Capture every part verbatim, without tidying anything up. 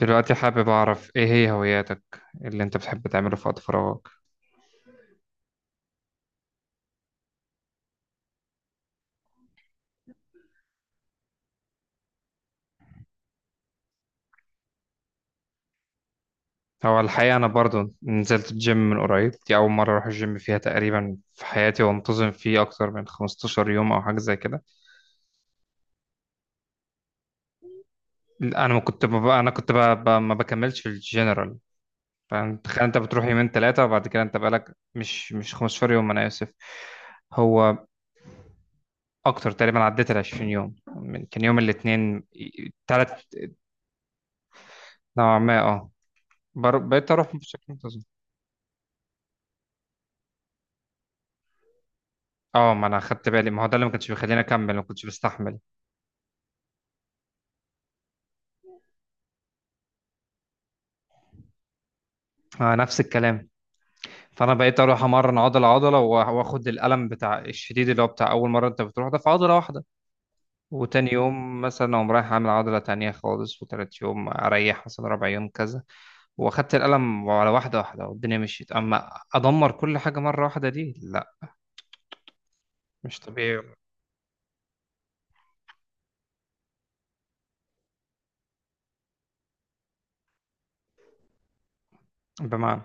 دلوقتي حابب أعرف إيه هي هواياتك اللي أنت بتحب تعمله في وقت فراغك؟ هو الحقيقة أنا برضو نزلت الجيم من قريب. دي أول مرة أروح الجيم فيها تقريبا في حياتي، وانتظم فيه أكتر من خمسة عشر يوم أو حاجة زي كده. أنا ما كنت ببقى أنا كنت ببقى ببقى ما بكملش في الجنرال، فاهم؟ تخيل أنت بتروح يومين ثلاثة وبعد كده أنت بقالك مش مش خمستاشر يوم. أنا آسف، هو أكتر تقريبا، عديت ال عشرين يوم من- كان يوم الاثنين ثلاث. نوعا ما أه. بر- بقيت أروح بشكل منتظم. اه، ما انا خدت بالي، ما هو ده اللي ما كانش بيخليني اكمل، ما كنتش بستحمل. آه، نفس الكلام. فانا بقيت اروح امرن عضله عضله، وآ- واخد الالم بتاع الشديد اللي هو بتاع اول مره انت بتروح ده في عضله واحده. وتاني يوم مثلا اقوم رايح اعمل عضله تانية خالص. وتالت يوم اريح مثلا ربع يوم كذا. واخدت الالم على واحده واحده والدنيا مشيت. اما ادمر كل حاجه مره واحده، دي لا، مش طبيعي. بمعنى؟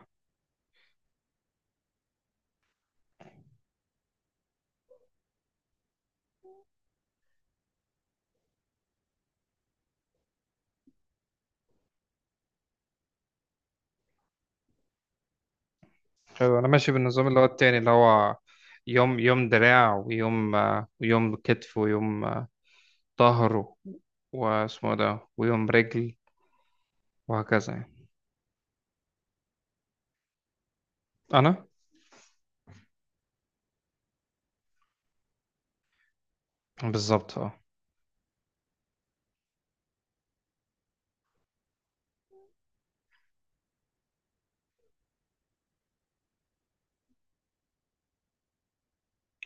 حلو، انا ماشي بالنظام اللي هو التاني، اللي هو يوم يوم دراع، ويوم آه، ويوم كتف، ويوم آه، ظهر، واسمه ده، ويوم رجل، وهكذا يعني. انا بالظبط اه.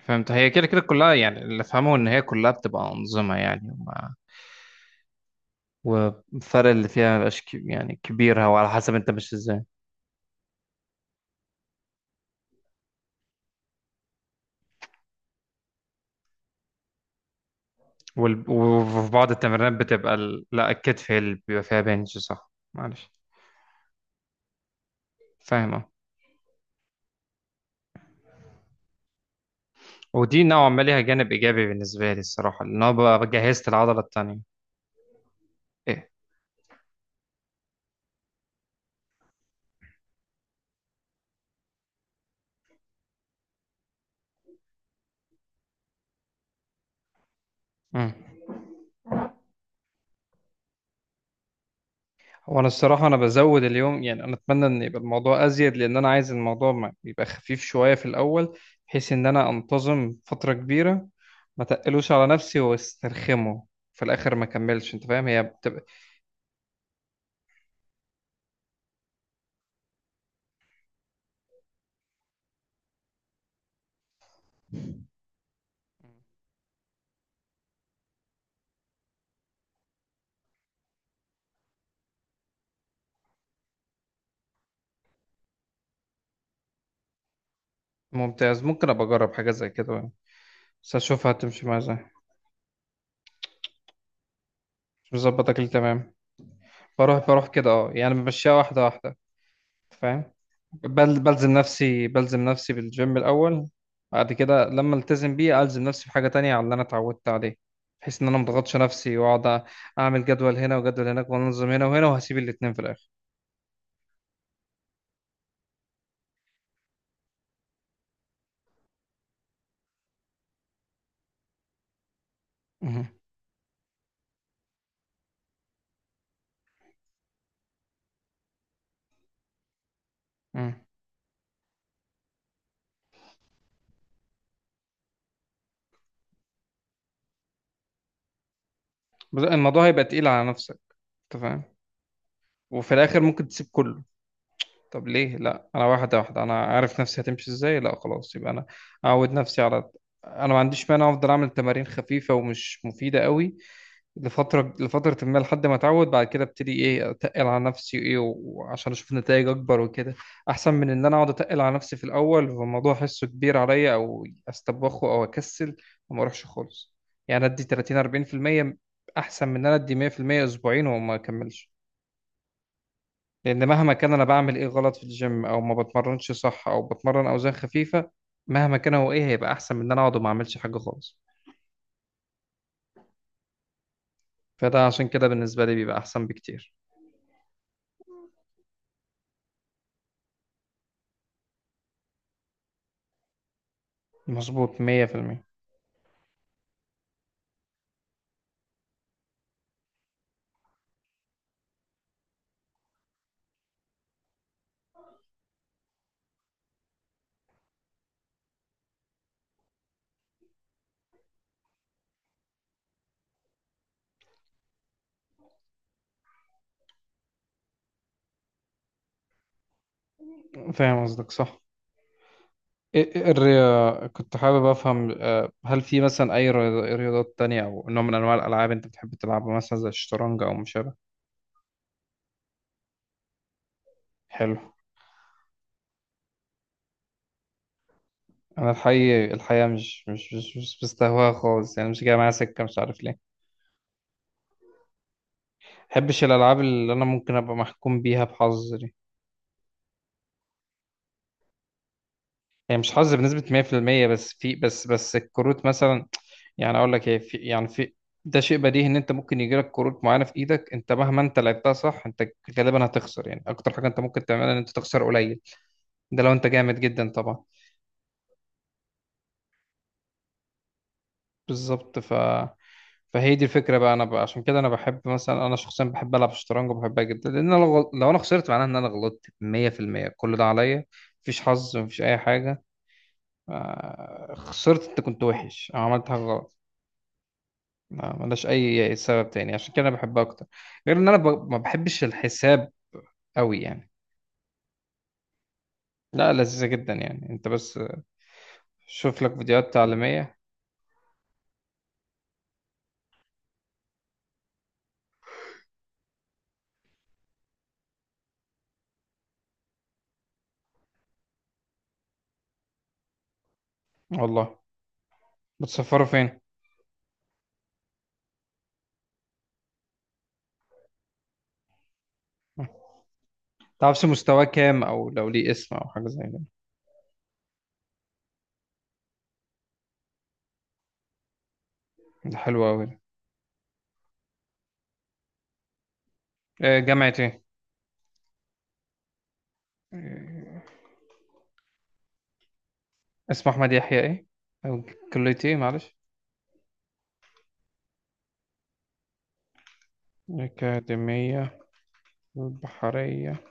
فهمت، هي كده كده كلها يعني، اللي فهمه ان هي كلها بتبقى انظمه يعني، وما والفرق اللي فيها مبقاش كب- يعني كبير، هو على حسب انت ماشي ازاي. وال- وفي بعض التمرينات بتبقى ال... لا، الكتف هي اللي بيبقى فيها بنش، صح معلش. فاهم اه. ودي نوعا ما ليها جانب ايجابي بالنسبه لي الصراحه، لان انا بقى جهزت العضله التانيه. ايه. هو انا الصراحه انا بزود اليوم يعني. انا اتمنى ان يبقى الموضوع ازيد، لان انا عايز الموضوع ما يبقى خفيف شويه في الاول، بحيث ان انا انتظم فتره كبيره، ما تقلوش على نفسي واسترخمه في الاخر ما كملش. انت فاهم، هي بتبقى ممتاز. ممكن ابقى اجرب حاجه زي كده، بس اشوفها هتمشي معايا ازاي. مش مظبط اكل تمام. بروح بروح كده اه يعني، بمشيها واحده واحده. أنت فاهم؟ بل بلزم نفسي بلزم نفسي بالجيم الأول. بعد كده لما التزم بيه، ألزم نفسي بحاجة تانية على اللي أنا اتعودت عليه، بحيث إن أنا مضغطش نفسي وأقعد أعمل جدول هنا وجدول هناك وأنظم هنا وهنا، وهسيب الاتنين في الآخر. مهم. مهم. بس الموضوع هيبقى تقيل على نفسك، أنت فاهم؟ وفي الآخر ممكن تسيب كله. طب ليه لا؟ أنا واحدة واحدة، أنا عارف نفسي هتمشي إزاي. لا خلاص، يبقى أنا أعود نفسي على... أنا ما عنديش مانع أفضل أعمل تمارين خفيفة ومش مفيدة قوي لفترة، لفترة ما لحد ما اتعود، بعد كده ابتدي ايه اتقل على نفسي ايه، وعشان اشوف نتائج اكبر وكده، احسن من ان انا اقعد اتقل على نفسي في الاول فالموضوع احسه كبير عليا او استبخه او اكسل وما اروحش خالص. يعني ادي تلاتين اربعين في المية، احسن من ان انا ادي مية بالمية اسبوعين وما اكملش. لان مهما كان انا بعمل ايه غلط في الجيم او ما بتمرنش صح او بتمرن اوزان خفيفة، مهما كان هو ايه، هيبقى احسن من ان انا اقعد وما اعملش حاجة خالص. فده عشان كده بالنسبة لي بيبقى احسن بكتير. مظبوط مية بالمية. فاهم قصدك صح. إيه- إيه الرياضة، كنت حابب أفهم آه، هل في مثلا أي رياض- رياضات تانية أو نوع من أنواع الألعاب أنت بتحب تلعبها، مثلا زي الشطرنج أو ما شابه؟ حلو. أنا الحقيقة الحقيقة مش مش مش, مش بستهواها خالص يعني، مش جاية معايا سكة، مش عارف ليه. مبحبش الألعاب اللي أنا ممكن أبقى محكوم بيها بحظ دي. يعني مش حظ بنسبة مية بالمية، بس في بس بس الكروت مثلا. يعني اقول لك ايه، في يعني في ده شيء بديهي ان انت ممكن يجي لك كروت معينه في ايدك، انت مهما انت لعبتها صح، انت غالبا هتخسر. يعني اكتر حاجه انت ممكن تعملها ان انت تخسر قليل، ده لو انت جامد جدا طبعا. بالظبط. ف فهي دي الفكره بقى. انا بقى عشان كده انا بحب مثلا، انا شخصيا بحب العب شطرنج وبحبها جدا، لان أنا لو لو انا خسرت، معناها ان انا غلطت مية بالمية، كل ده عليا. مفيش حظ، مفيش اي حاجه. آه، خسرت انت كنت وحش أو عملت حاجه غلط. ما ملاش اي سبب تاني، عشان كده انا بحبها اكتر، غير ان انا ب... ما بحبش الحساب قوي يعني. لا، لذيذة جدا يعني، انت بس شوف لك فيديوهات تعليمية. والله؟ بتسفروا فين؟ تعرفش مستواه كام، او لو ليه اسم او حاجة زي كده؟ ده حلو قوي ده. آه، جامعة ايه؟ آه، اسمه احمد يحيى ايه، او كلية ايه معلش؟ أكاديمية البحرية،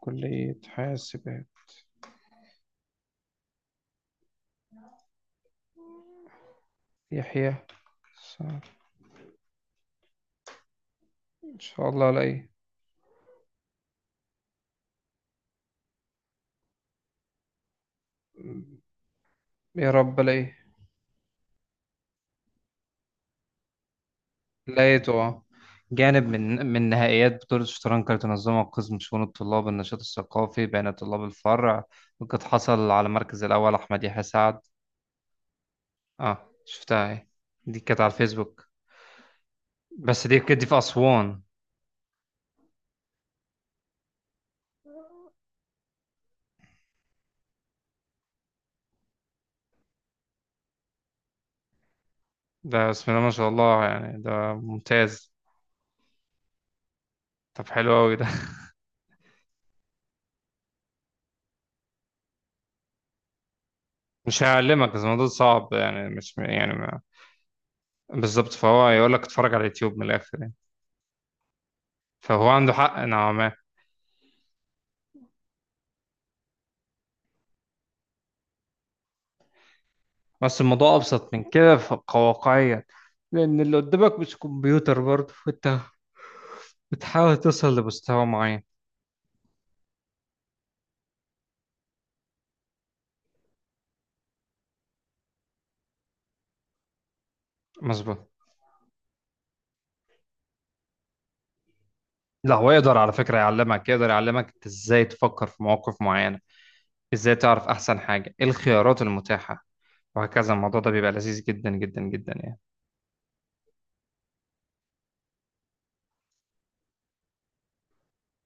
كلية حاسبات. يحيى، صح. إن شاء الله ألاقيه. يا رب ألاقيه. لقيته آه. جانب من من نهائيات بطولة الشطرنج كانت تنظمها قسم شؤون الطلاب، النشاط الثقافي بين طلاب الفرع، وقد حصل على المركز الأول أحمد يحيى سعد. اه شفتها اهي، دي كانت على الفيسبوك. بس دي كانت دي في أسوان. ده بسم الله ما شاء الله يعني، ده ممتاز. طب حلو أوي ده. مش هعلمك، بس الموضوع صعب يعني، مش يعني ما- بالظبط، فهو يقول لك اتفرج على اليوتيوب من الآخر يعني، فهو عنده حق. أنا بس الموضوع ابسط من كده ف- كواقعيا، لان اللي قدامك مش كمبيوتر برضه، وانت بتحاول توصل لمستوى معين. مظبوط. لا، هو يقدر على فكرة يعلمك، يقدر يعلمك انت ازاي تفكر في مواقف معينة، ازاي تعرف احسن حاجة، ايه الخيارات المتاحة، وهكذا. الموضوع ده بيبقى لذيذ جدا جدا جدا يعني.